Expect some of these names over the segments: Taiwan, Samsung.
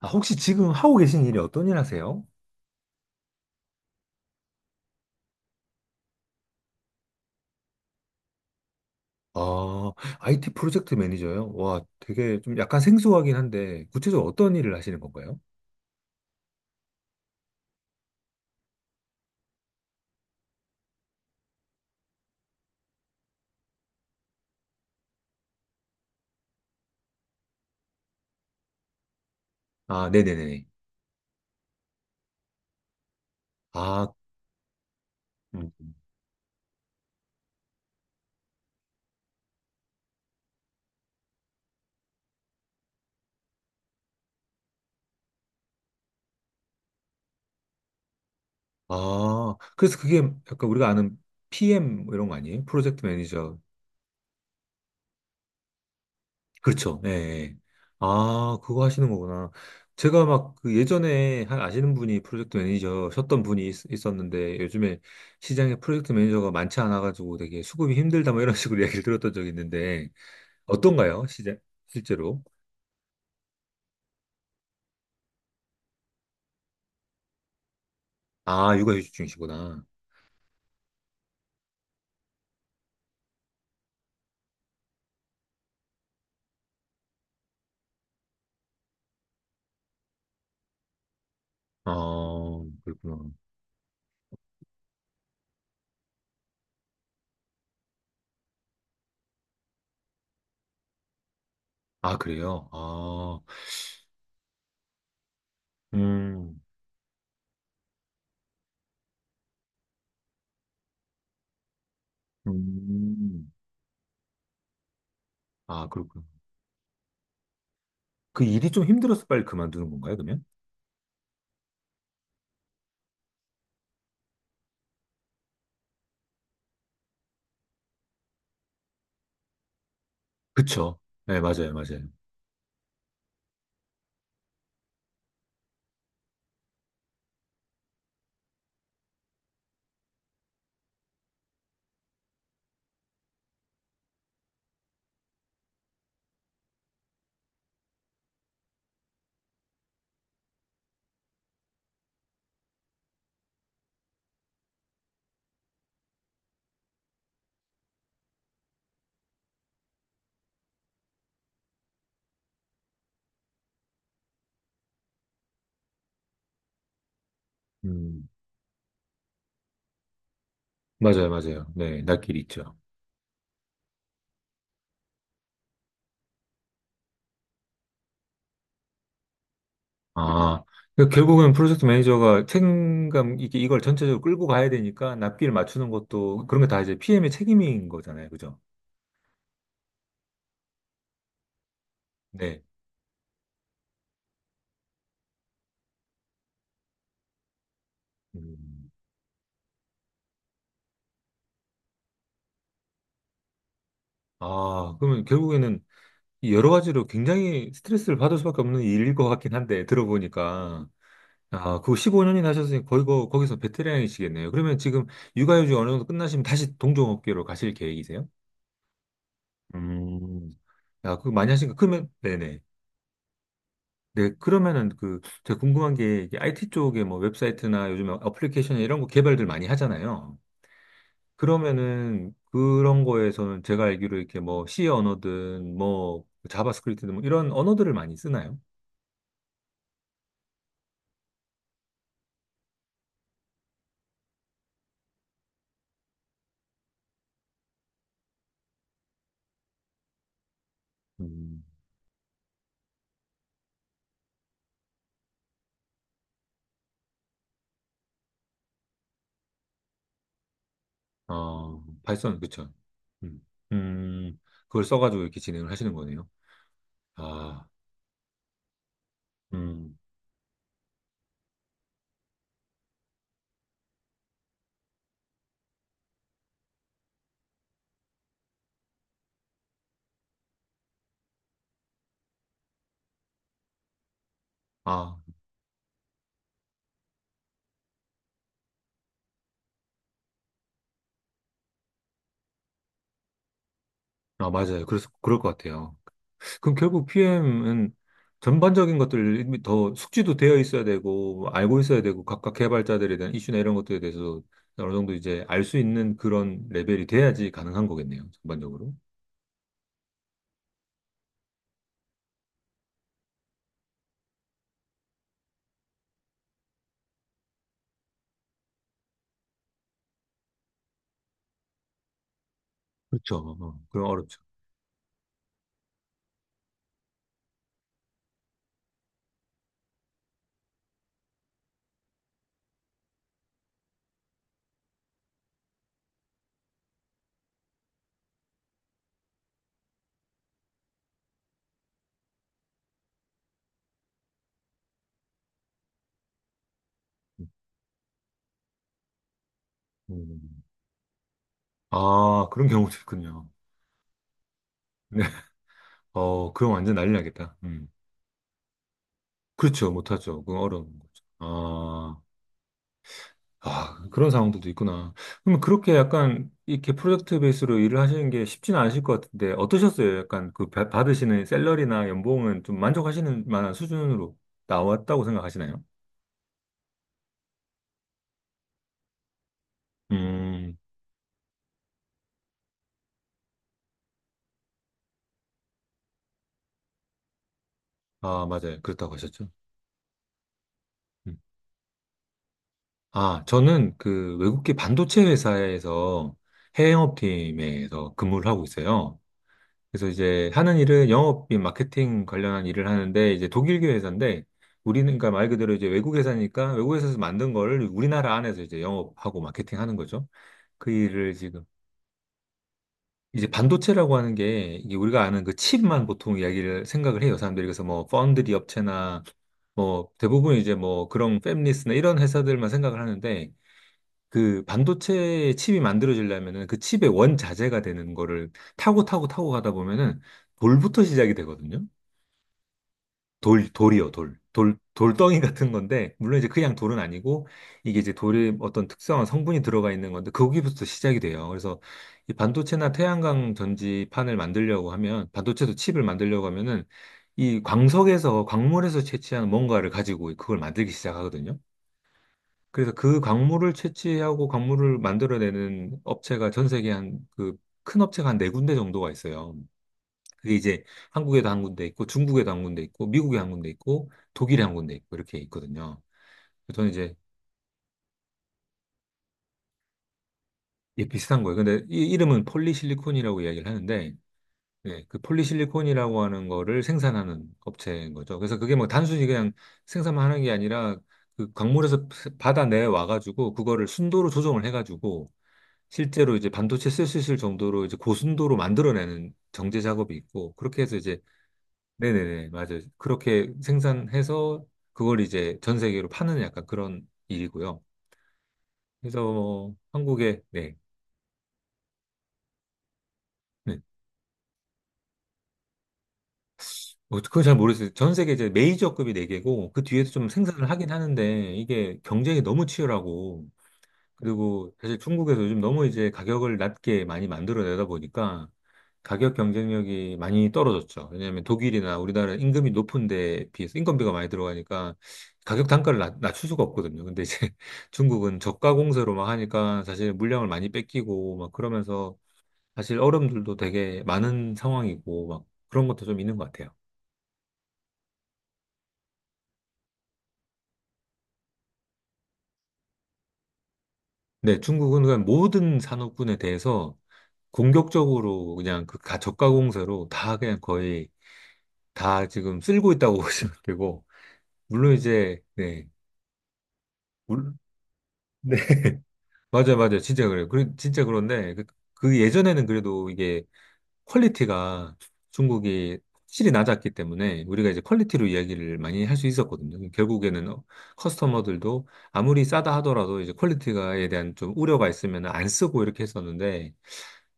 아, 혹시 지금 하고 계신 일이 어떤 일 하세요? 아, IT 프로젝트 매니저요? 와, 되게 좀 약간 생소하긴 한데, 구체적으로 어떤 일을 하시는 건가요? 아, 네네네. 아, 음. 아, 그래서 그게 약간 우리가 아는 PM 뭐 이런 거 아니에요? 프로젝트 매니저. 그렇죠. 예. 예. 아, 그거 하시는 거구나. 제가 막 그 예전에 한 아시는 분이 프로젝트 매니저셨던 분이 있었는데, 요즘에 시장에 프로젝트 매니저가 많지 않아가지고 되게 수급이 힘들다 뭐 이런 식으로 이야기를 들었던 적이 있는데, 어떤가요? 실제로? 아, 육아휴직 중이시구나. 어, 그렇구나. 아, 그래요? 아, 음, 음, 아, 그렇구나. 그 일이 좀 힘들어서 빨리 그만두는 건가요, 그러면? 그쵸. 네, 맞아요, 맞아요. 음, 맞아요, 맞아요. 네, 낯길 있죠. 아, 그러니까 결국은 프로젝트 매니저가 책임감, 이게 이걸 전체적으로 끌고 가야 되니까 낯길 맞추는 것도 그런 게 다 이제 PM의 책임인 거잖아요, 그죠? 네. 음. 아, 그러면 결국에는 여러 가지로 굉장히 스트레스를 받을 수밖에 없는 일일 것 같긴 한데, 들어보니까. 아, 그거 15년이나 하셨으니 거의 거기서 베테랑이시겠네요. 그러면 지금 육아휴직 어느 정도 끝나시면 다시 동종업계로 가실 계획이세요? 음. 아, 그거 많이 하시니까, 그러면, 네네. 네, 그러면은 그, 제가 궁금한 게, 이게 IT 쪽에 뭐 웹사이트나 요즘 어플리케이션 이런 거 개발들 많이 하잖아요. 그러면은 그런 거에서는 제가 알기로 이렇게 뭐 C 언어든 뭐 자바스크립트든 뭐 이런 언어들을 많이 쓰나요? 음. 어, 파이썬, 그쵸. 음, 음, 그걸 써가지고 이렇게 진행을 하시는 거네요. 아, 음, 아, 아, 맞아요. 그래서, 그럴 것 같아요. 그럼 결국 PM은 전반적인 것들 이미 더 숙지도 되어 있어야 되고, 알고 있어야 되고, 각각 개발자들에 대한 이슈나 이런 것들에 대해서 어느 정도 이제 알 수 있는 그런 레벨이 돼야지 가능한 거겠네요. 전반적으로. 그렇죠. 어, 그럼 어렵죠. 음. 음. 아, 그런 경우도 있군요. 네. 어, 그럼 완전 난리 나겠다. 음. 그렇죠. 못하죠. 그건 어려운 거죠. 아, 아, 그런 상황들도 있구나. 그러면 그렇게 약간 이렇게 프로젝트 베이스로 일을 하시는 게 쉽지는 않으실 것 같은데 어떠셨어요? 약간 그 받으시는 샐러리나 연봉은 좀 만족하시는 만한 수준으로 나왔다고 생각하시나요? 음, 아, 맞아요. 그렇다고 하셨죠. 음. 아, 저는 그 외국계 반도체 회사에서 해외 영업팀에서 근무를 하고 있어요. 그래서 이제 하는 일은 영업인 마케팅 관련한 일을 하는데 이제 독일계 회사인데 우리는 그러니까 말 그대로 이제 외국 회사니까 외국 회사에서 만든 거를 우리나라 안에서 이제 영업하고 마케팅하는 거죠. 그 일을 지금 이제 반도체라고 하는 게 이게 우리가 아는 그 칩만 보통 이야기를 생각을 해요. 사람들이 그래서 뭐 파운드리 업체나 뭐 대부분 이제 뭐 그런 팹리스나 이런 회사들만 생각을 하는데 그 반도체 칩이 만들어지려면은 그 칩의 원자재가 되는 거를 타고 타고 타고 가다 보면은 돌부터 시작이 되거든요. 돌, 돌이요, 돌. 돌, 돌덩이 같은 건데, 물론 이제 그냥 돌은 아니고, 이게 이제 돌의 어떤 특성한 성분이 들어가 있는 건데, 거기부터 시작이 돼요. 그래서 이 반도체나 태양광 전지판을 만들려고 하면, 반도체도 칩을 만들려고 하면은, 이 광석에서, 광물에서 채취한 뭔가를 가지고 그걸 만들기 시작하거든요. 그래서 그 광물을 채취하고 광물을 만들어내는 업체가 전 세계 한, 그, 큰 업체가 한 네 군데 정도가 있어요. 그게 이제 한국에도 한 군데 있고 중국에도 한 군데 있고 미국에 한 군데 있고 독일에 한 군데 있고 이렇게 있거든요. 저는 이제 이게 비슷한 거예요. 근데 이 이름은 폴리실리콘이라고 이야기를 하는데 예, 그 폴리실리콘이라고 하는 거를 생산하는 업체인 거죠. 그래서 그게 뭐 단순히 그냥 생산만 하는 게 아니라 그 광물에서 바다 내에 와가지고 그거를 순도로 조정을 해가지고 실제로 이제 반도체 쓸 수 있을 정도로 이제 고순도로 만들어내는 정제 작업이 있고 그렇게 해서 이제 네네네, 맞아요. 그렇게 생산해서 그걸 이제 전 세계로 파는 약간 그런 일이고요. 그래서 뭐 한국에, 네, 네. 어, 그건 잘 모르겠어요. 전 세계 이제 메이저급이 네개고그 뒤에서 좀 생산을 하긴 하는데 이게 경쟁이 너무 치열하고 그리고 사실 중국에서 요즘 너무 이제 가격을 낮게 많이 만들어내다 보니까 가격 경쟁력이 많이 떨어졌죠. 왜냐하면 독일이나 우리나라 임금이 높은 데에 비해서 인건비가 많이 들어가니까 가격 단가를 낮출 수가 없거든요. 근데 이제 중국은 저가 공세로 막 하니까 사실 물량을 많이 뺏기고 막 그러면서 사실 어려움들도 되게 많은 상황이고 막 그런 것도 좀 있는 것 같아요. 네, 중국은 그냥 모든 산업군에 대해서 공격적으로 그냥 그 저가 공세로 다 그냥 거의 다 지금 쓸고 있다고 보시면 되고, 물론 이제, 네, 물, 네. 맞아요, 맞아요. 진짜 그래요. 그, 진짜 그런데, 그, 그 예전에는 그래도 이게 퀄리티가 중국이 확실히 낮았기 때문에 우리가 이제 퀄리티로 이야기를 많이 할 수 있었거든요. 결국에는 커스터머들도 아무리 싸다 하더라도 이제 퀄리티가에 대한 좀 우려가 있으면 안 쓰고 이렇게 했었는데,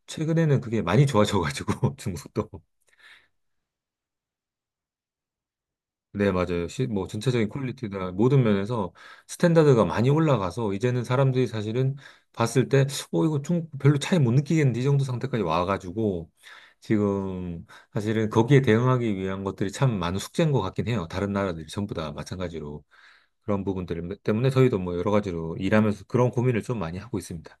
최근에는 그게 많이 좋아져가지고, 중국도. 네, 맞아요. 뭐, 전체적인 퀄리티나 모든 면에서 스탠다드가 많이 올라가서 이제는 사람들이 사실은 봤을 때, 이거 좀 별로 차이 못 느끼겠는데 이 정도 상태까지 와가지고 지금 사실은 거기에 대응하기 위한 것들이 참 많은 숙제인 것 같긴 해요. 다른 나라들이 전부 다 마찬가지로 그런 부분들 때문에 저희도 뭐 여러 가지로 일하면서 그런 고민을 좀 많이 하고 있습니다.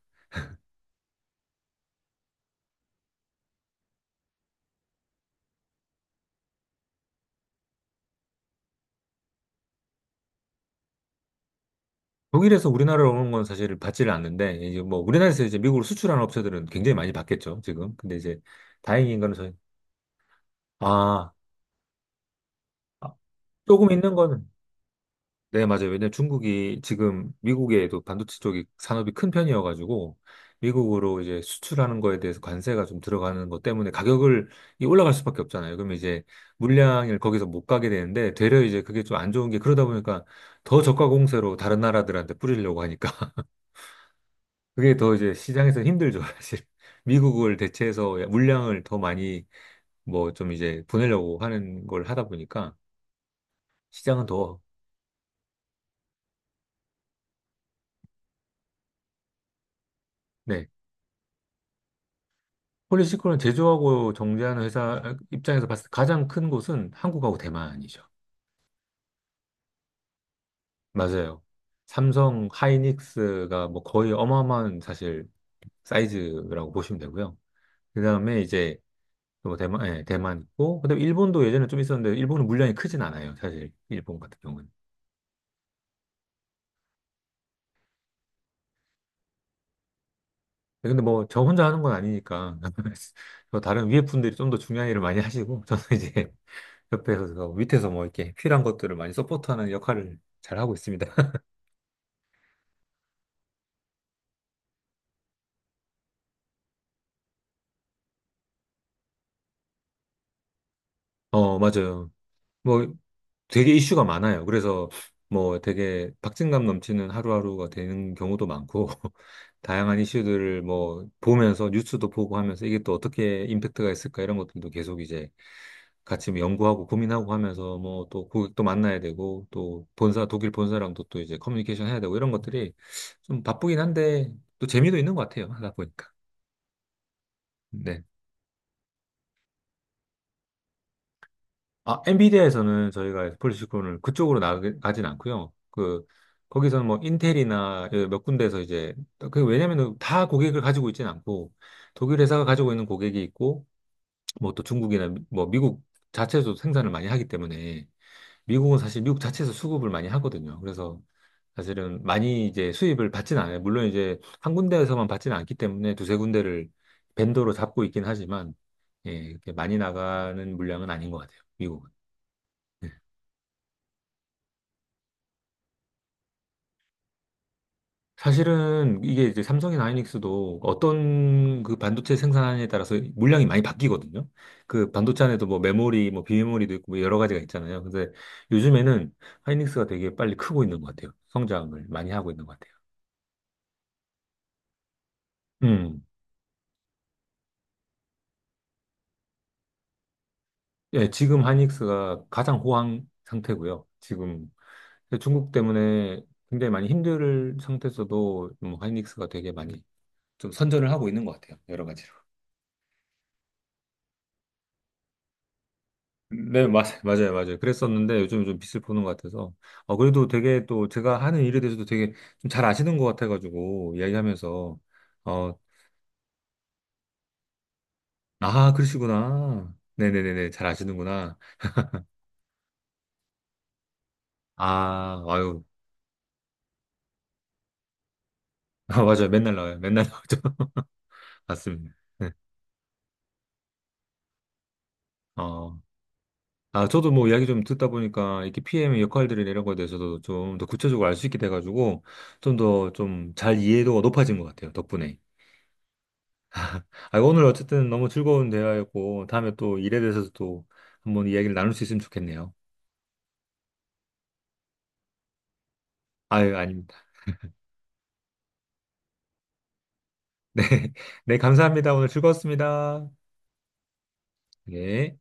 독일에서 우리나라로 오는 건 사실 받지를 않는데 이제 뭐 우리나라에서 이제 미국으로 수출하는 업체들은 굉장히 많이 받겠죠, 지금. 근데 이제 다행인 거는 저희 아, 아, 조금 있는 거는 네, 맞아요. 왜냐면 중국이 지금 미국에도 반도체 쪽이 산업이 큰 편이어가지고 미국으로 이제 수출하는 거에 대해서 관세가 좀 들어가는 것 때문에 가격을 이 올라갈 수밖에 없잖아요. 그러면 이제 물량을 거기서 못 가게 되는데 되려 이제 그게 좀 안 좋은 게 그러다 보니까 더 저가 공세로 다른 나라들한테 뿌리려고 하니까 그게 더 이제 시장에서 힘들죠, 사실. 미국을 대체해서 물량을 더 많이 뭐 좀 이제 보내려고 하는 걸 하다 보니까 시장은 더 네, 폴리시클론을 제조하고 정제하는 회사 입장에서 봤을 때 가장 큰 곳은 한국하고 대만이죠. 맞아요. 삼성, 하이닉스가 뭐 거의 어마어마한 사실 사이즈라고 보시면 되고요. 그 다음에 이제 또 대만, 예, 대만 있고, 그다음에 일본도 예전에 좀 있었는데 일본은 물량이 크진 않아요. 사실 일본 같은 경우는. 근데 뭐 저 혼자 하는 건 아니니까 저 다른 위에 분들이 좀 더 중요한 일을 많이 하시고 저는 이제 옆에서 뭐 밑에서 뭐 이렇게 필요한 것들을 많이 서포트하는 역할을 잘 하고 있습니다. 어, 맞아요. 뭐 되게 이슈가 많아요. 그래서 뭐 되게 박진감 넘치는 하루하루가 되는 경우도 많고 다양한 이슈들을 뭐 보면서 뉴스도 보고 하면서 이게 또 어떻게 임팩트가 있을까 이런 것들도 계속 이제 같이 뭐 연구하고 고민하고 하면서 뭐 또 고객도 만나야 되고 또 본사 독일 본사랑도 또 이제 커뮤니케이션 해야 되고 이런 것들이 좀 바쁘긴 한데 또 재미도 있는 것 같아요. 하다 보니까. 네. 아, 엔비디아에서는 저희가 폴리시콘을 그쪽으로 나가 가진 않고요. 그 거기서는 뭐 인텔이나 예, 몇 군데에서 이제 그 왜냐면은 다 고객을 가지고 있지는 않고 독일 회사가 가지고 있는 고객이 있고 뭐 또 중국이나 뭐 미국 자체에서 생산을 많이 하기 때문에 미국은 사실 미국 자체에서 수급을 많이 하거든요. 그래서 사실은 많이 이제 수입을 받진 않아요. 물론 이제 한 군데에서만 받지는 않기 때문에 두세 군데를 벤더로 잡고 있긴 하지만 예, 이렇게 많이 나가는 물량은 아닌 것 같아요. 미국은. 네. 사실은 이게 이제 삼성이나 하이닉스도 어떤 그 반도체 생산에 따라서 물량이 많이 바뀌거든요. 그 반도체 안에도 뭐 메모리, 뭐 비메모리도 있고 뭐 여러 가지가 있잖아요. 근데 요즘에는 하이닉스가 되게 빨리 크고 있는 것 같아요. 성장을 많이 하고 있는 것 같아요. 음. 예, 지금 하이닉스가 가장 호황 상태고요. 지금 중국 때문에 굉장히 많이 힘들 상태에서도 뭐 하이닉스가 되게 많이 좀 선전을 하고 있는 것 같아요. 여러 가지로. 네, 맞아요, 맞아요. 그랬었는데 요즘 좀 빛을 보는 것 같아서. 어, 그래도 되게 또 제가 하는 일에 대해서도 되게 좀 잘 아시는 것 같아가지고, 이야기하면서, 어, 아, 그러시구나. 네네네네, 잘 아시는구나. 아, 아유, 아, 맞아요. 맨날 나와요. 맨날 나오죠. 맞습니다. 네. 어, 아, 저도 뭐 이야기 좀 듣다 보니까 이렇게 PM의 역할들이나 이런 거에 대해서도 좀 더 구체적으로 알 수 있게 돼가지고, 좀 더 좀 잘 이해도가 높아진 것 같아요. 덕분에. 아, 오늘 어쨌든 너무 즐거운 대화였고, 다음에 또 일에 대해서 또 한번 이야기를 나눌 수 있으면 좋겠네요. 아유, 아닙니다. 네. 네, 감사합니다. 오늘 즐거웠습니다. 예.